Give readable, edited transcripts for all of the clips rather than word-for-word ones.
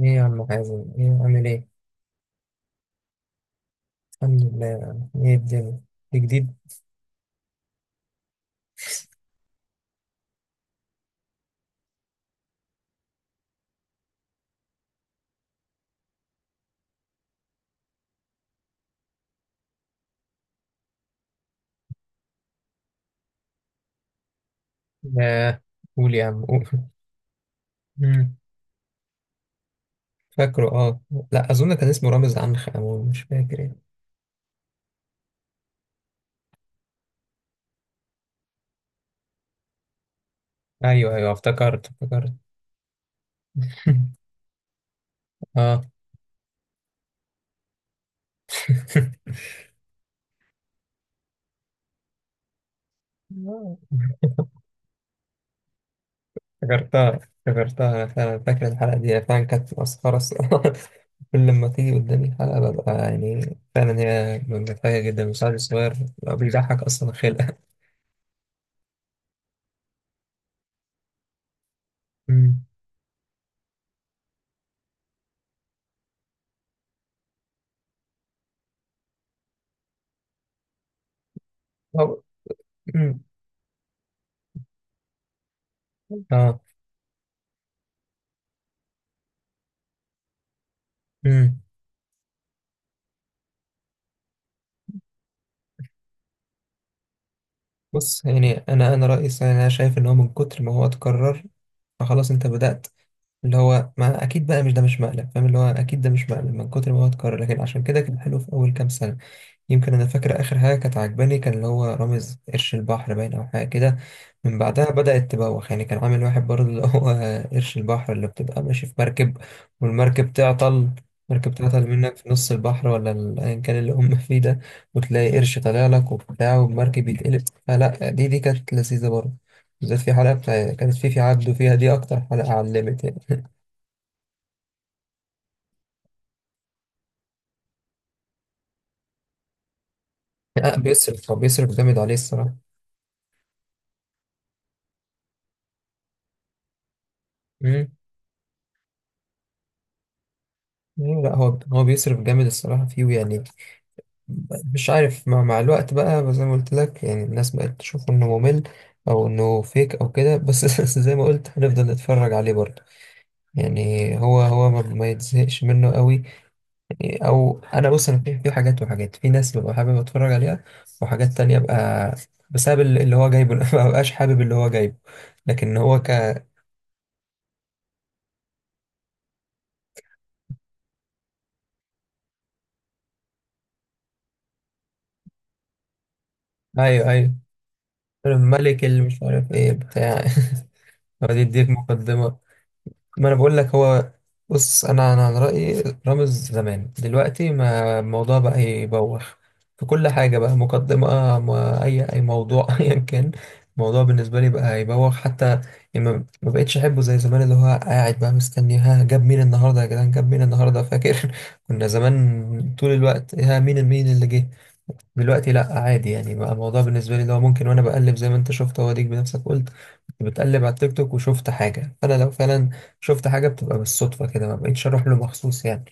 ايه يا عم حازم، ايه عامل ايه؟ الحمد لله يا عم. ايه الدنيا؟ إيه جديد؟ آه، قول يا عم قول. مم. فاكره، اه. لا اظن كان اسمه رامز عنخ امون، مش فاكر ايه. ايوه ايوه افتكرت افتكرت. اه. افتكرتها افتكرتها، انا فعلا فاكر الحلقه دي، هي فعلا كانت مسخره الصراحة. كل لما تيجي قدامي الحلقه ببقى يعني فعلا هي مضحكه جدا. المساعد الصغير بيبقى بيضحك اصلا خلقه. مم. أو- مم. اه. مم. بص يعني انا رأيي الصراحة، انا شايف ان هو من كتر ما هو اتكرر فخلاص انت بدأت. اللي هو ما اكيد بقى مش ده مش مقلب، فاهم، اللي هو اكيد ده مش مقلب من كتر ما هو اتكرر، لكن عشان كده كان حلو في اول كام سنة. يمكن انا فاكر اخر حاجه كانت عجباني كان اللي هو رامز قرش البحر باين او حاجه كده، من بعدها بدات تبوخ. يعني كان عامل واحد برضه اللي هو قرش البحر اللي بتبقى ماشي في مركب، والمركب تعطل. مركب تعطل منك في نص البحر، ولا ايا كان اللي هم فيه ده، وتلاقي قرش طالع لك وبتاع والمركب يتقلب، فلا دي كانت لذيذه برضه. بالذات في حلقه بتاع يعني كانت في عبده فيها، دي اكتر حلقه علمت يعني. لا بيصرف، هو بيصرف جامد عليه الصراحه. امم. لا لا، هو بيصرف جامد الصراحه فيه يعني. مش عارف مع الوقت بقى، بس زي ما قلت لك يعني الناس بقت تشوف انه ممل او انه فيك او كده. بس زي ما قلت هنفضل نتفرج عليه برضه، يعني هو ما يتزهقش منه قوي. او انا بص، انا في حاجات، وحاجات في ناس ببقى حابب اتفرج عليها، وحاجات تانية ببقى بسبب اللي هو جايبه ما ببقاش حابب اللي هو جايبه. لكن هو. ايوه ايوه. الملك اللي مش عارف ايه بتاع. يقعد يديك مقدمة. ما انا بقول لك هو، بص انا عن رايي رامز زمان، دلوقتي ما الموضوع بقى يبوخ. في كل حاجه بقى مقدمه، ما اي موضوع ايا كان. الموضوع بالنسبه لي بقى يبوخ حتى. يعني ما بقتش احبه زي زمان، اللي هو قاعد بقى مستني، ها جاب مين النهارده يا جدعان، جاب مين النهارده؟ فاكر كنا زمان طول الوقت ها مين، مين اللي جه. دلوقتي لا، عادي يعني بقى الموضوع بالنسبه لي اللي هو ممكن وانا بقلب، زي ما انت شفت هو ديك بنفسك قلت، كنت بتقلب على التيك توك وشفت حاجه. فانا لو فعلا شفت حاجه بتبقى بالصدفه كده، ما بقيتش اروح له مخصوص يعني.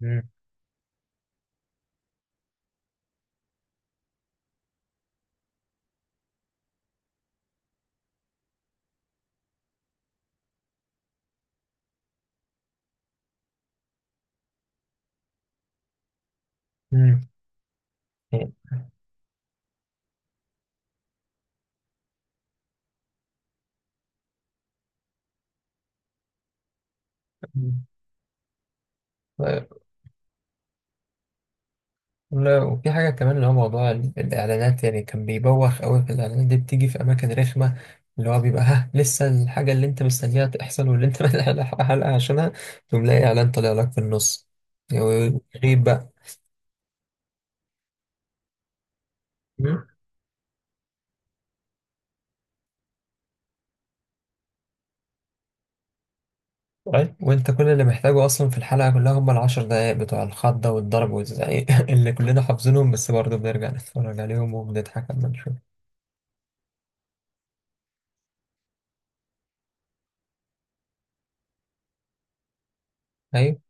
مم. امم. يعني. مم. طيب، لا، وفي حاجة كمان اللي هو موضوع الإعلانات. يعني كان بيبوخ أوي في الإعلانات، دي بتيجي في أماكن رخمة. اللي هو بيبقى ها لسه الحاجة اللي أنت مستنيها تحصل واللي أنت ملحق حلقة عشانها، تقوم لاقي إعلان طالع لك في النص. غريب بقى. طيب وانت كل اللي محتاجه اصلا في الحلقه كلها هم ال10 دقايق بتوع الخضه والضرب والزعيق اللي كلنا حافظينهم، بس برضه بنرجع نتفرج عليهم وبنضحك لما نشوف. ايوه،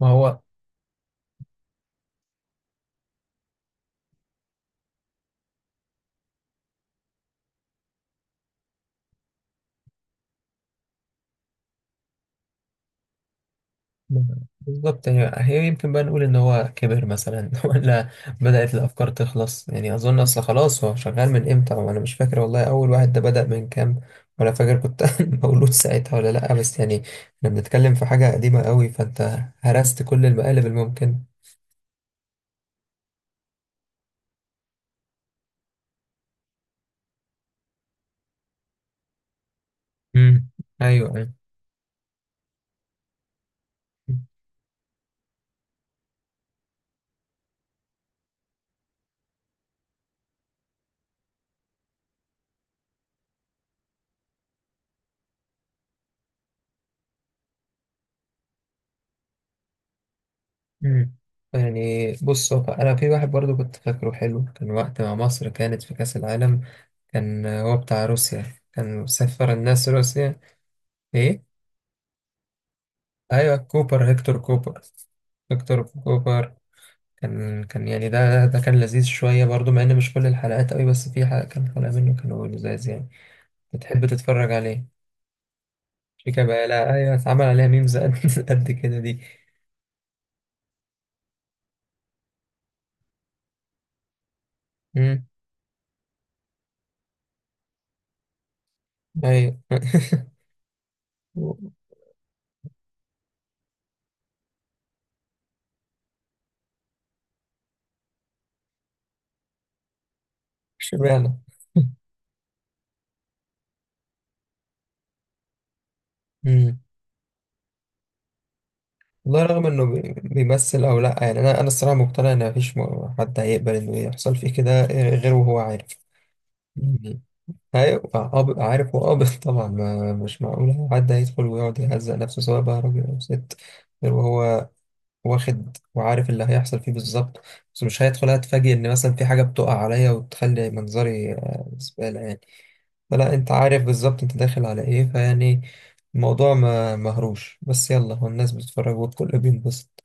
ما هو بالظبط. يعني هي يمكن بقى نقول ان هو كبر مثلا ولا بدأت الافكار تخلص، يعني اظن اصل خلاص هو شغال من امتى وانا مش فاكر والله اول واحد ده بدأ من كام، ولا فاكر كنت مولود ساعتها ولا لا. بس يعني احنا بنتكلم في حاجة قديمة قوي، فانت هرست كل المقالب الممكن. امم. ايوه ايوه. مم. يعني بص، هو انا في واحد برضو كنت فاكره حلو، كان وقت ما مصر كانت في كأس العالم، كان هو بتاع روسيا، كان سفر الناس روسيا. ايه. ايوه كوبر، هيكتور كوبر. هيكتور كوبر. كان يعني ده كان لذيذ شوية برضو، مع ان مش كل الحلقات قوي، بس في حلقة، كان حلقة منه كانوا لذاذ يعني، بتحب تتفرج عليه. شيكا بقى، ايوه، اتعمل عليها ميمز قد قد كده دي. مم. ايوه. اشمعنى. مم. والله رغم انه بيمثل او لا يعني، انا الصراحه مقتنع ان مفيش حد هيقبل انه يحصل فيه كده غير وهو عارف. يعني هيبقى قابض عارف وقابض، طبعا ما مش معقول حد هيدخل ويقعد يهزق نفسه سواء بقى راجل او ست غير وهو واخد وعارف اللي هيحصل فيه بالظبط. بس مش هيدخل هتفاجئ ان مثلا في حاجه بتقع عليا وتخلي منظري زباله يعني. فلا انت عارف بالظبط انت داخل على ايه فيعني. الموضوع ما مهروش، بس يلا هو الناس بتتفرج والكل بينبسط.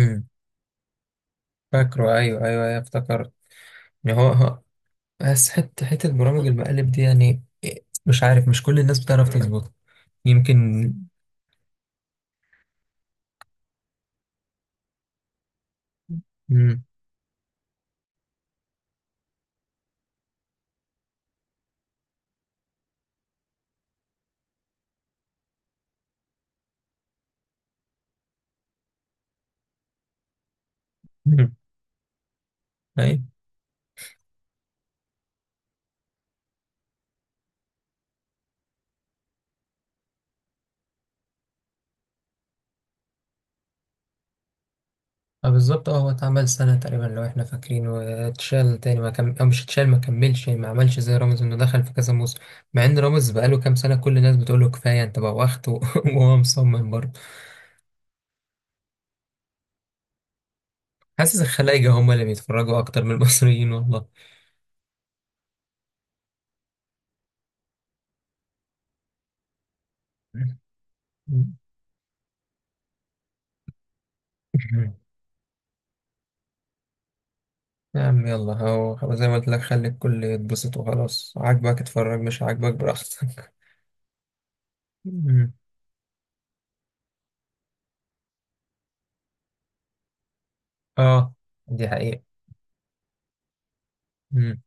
امم. فاكره، ايوه ايوه ايوه افتكرت. ما هو. بس حته برامج المقالب دي يعني إيه، مش عارف مش كل الناس بتعرف تظبطها. يمكن. امم. امم. ايوه. آه، بالظبط. اه هو اتعمل سنه تقريبا لو احنا فاكرين واتشال تاني ما او مش اتشال، ما كملش يعني، ما عملش زي رامز انه دخل في كذا موسم. مع ان رامز بقاله كام سنه، كل الناس بتقول له كفايه انت بوخت وهو مصمم برضه. حاسس الخلايجه هم اللي بيتفرجوا اكتر من المصريين والله. يا عم يلا، هو زي ما قلت لك، خلي الكل يتبسط وخلاص، عاجبك اتفرج، مش عاجبك براحتك. أمم. اه دي حقيقة. أمم.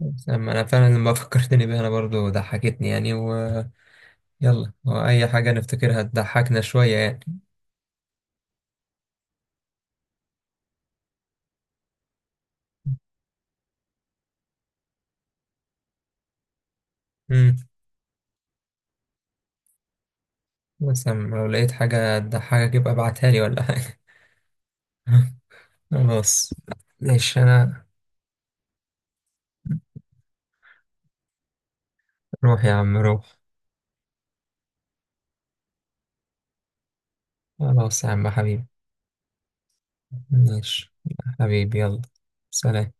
بس أما انا فعلا لما فكرتني بيها انا برضو ضحكتني يعني. ويلا هو اي حاجة نفتكرها تضحكنا شوية يعني. أمم. بس أما لو لقيت حاجة تضحكك يبقى ابعتها لي ولا حاجة. خلاص. ماشي انا. روح يا عم روح. خلاص يا عم حبيبي. ماشي. حبيبي يلا. سلام.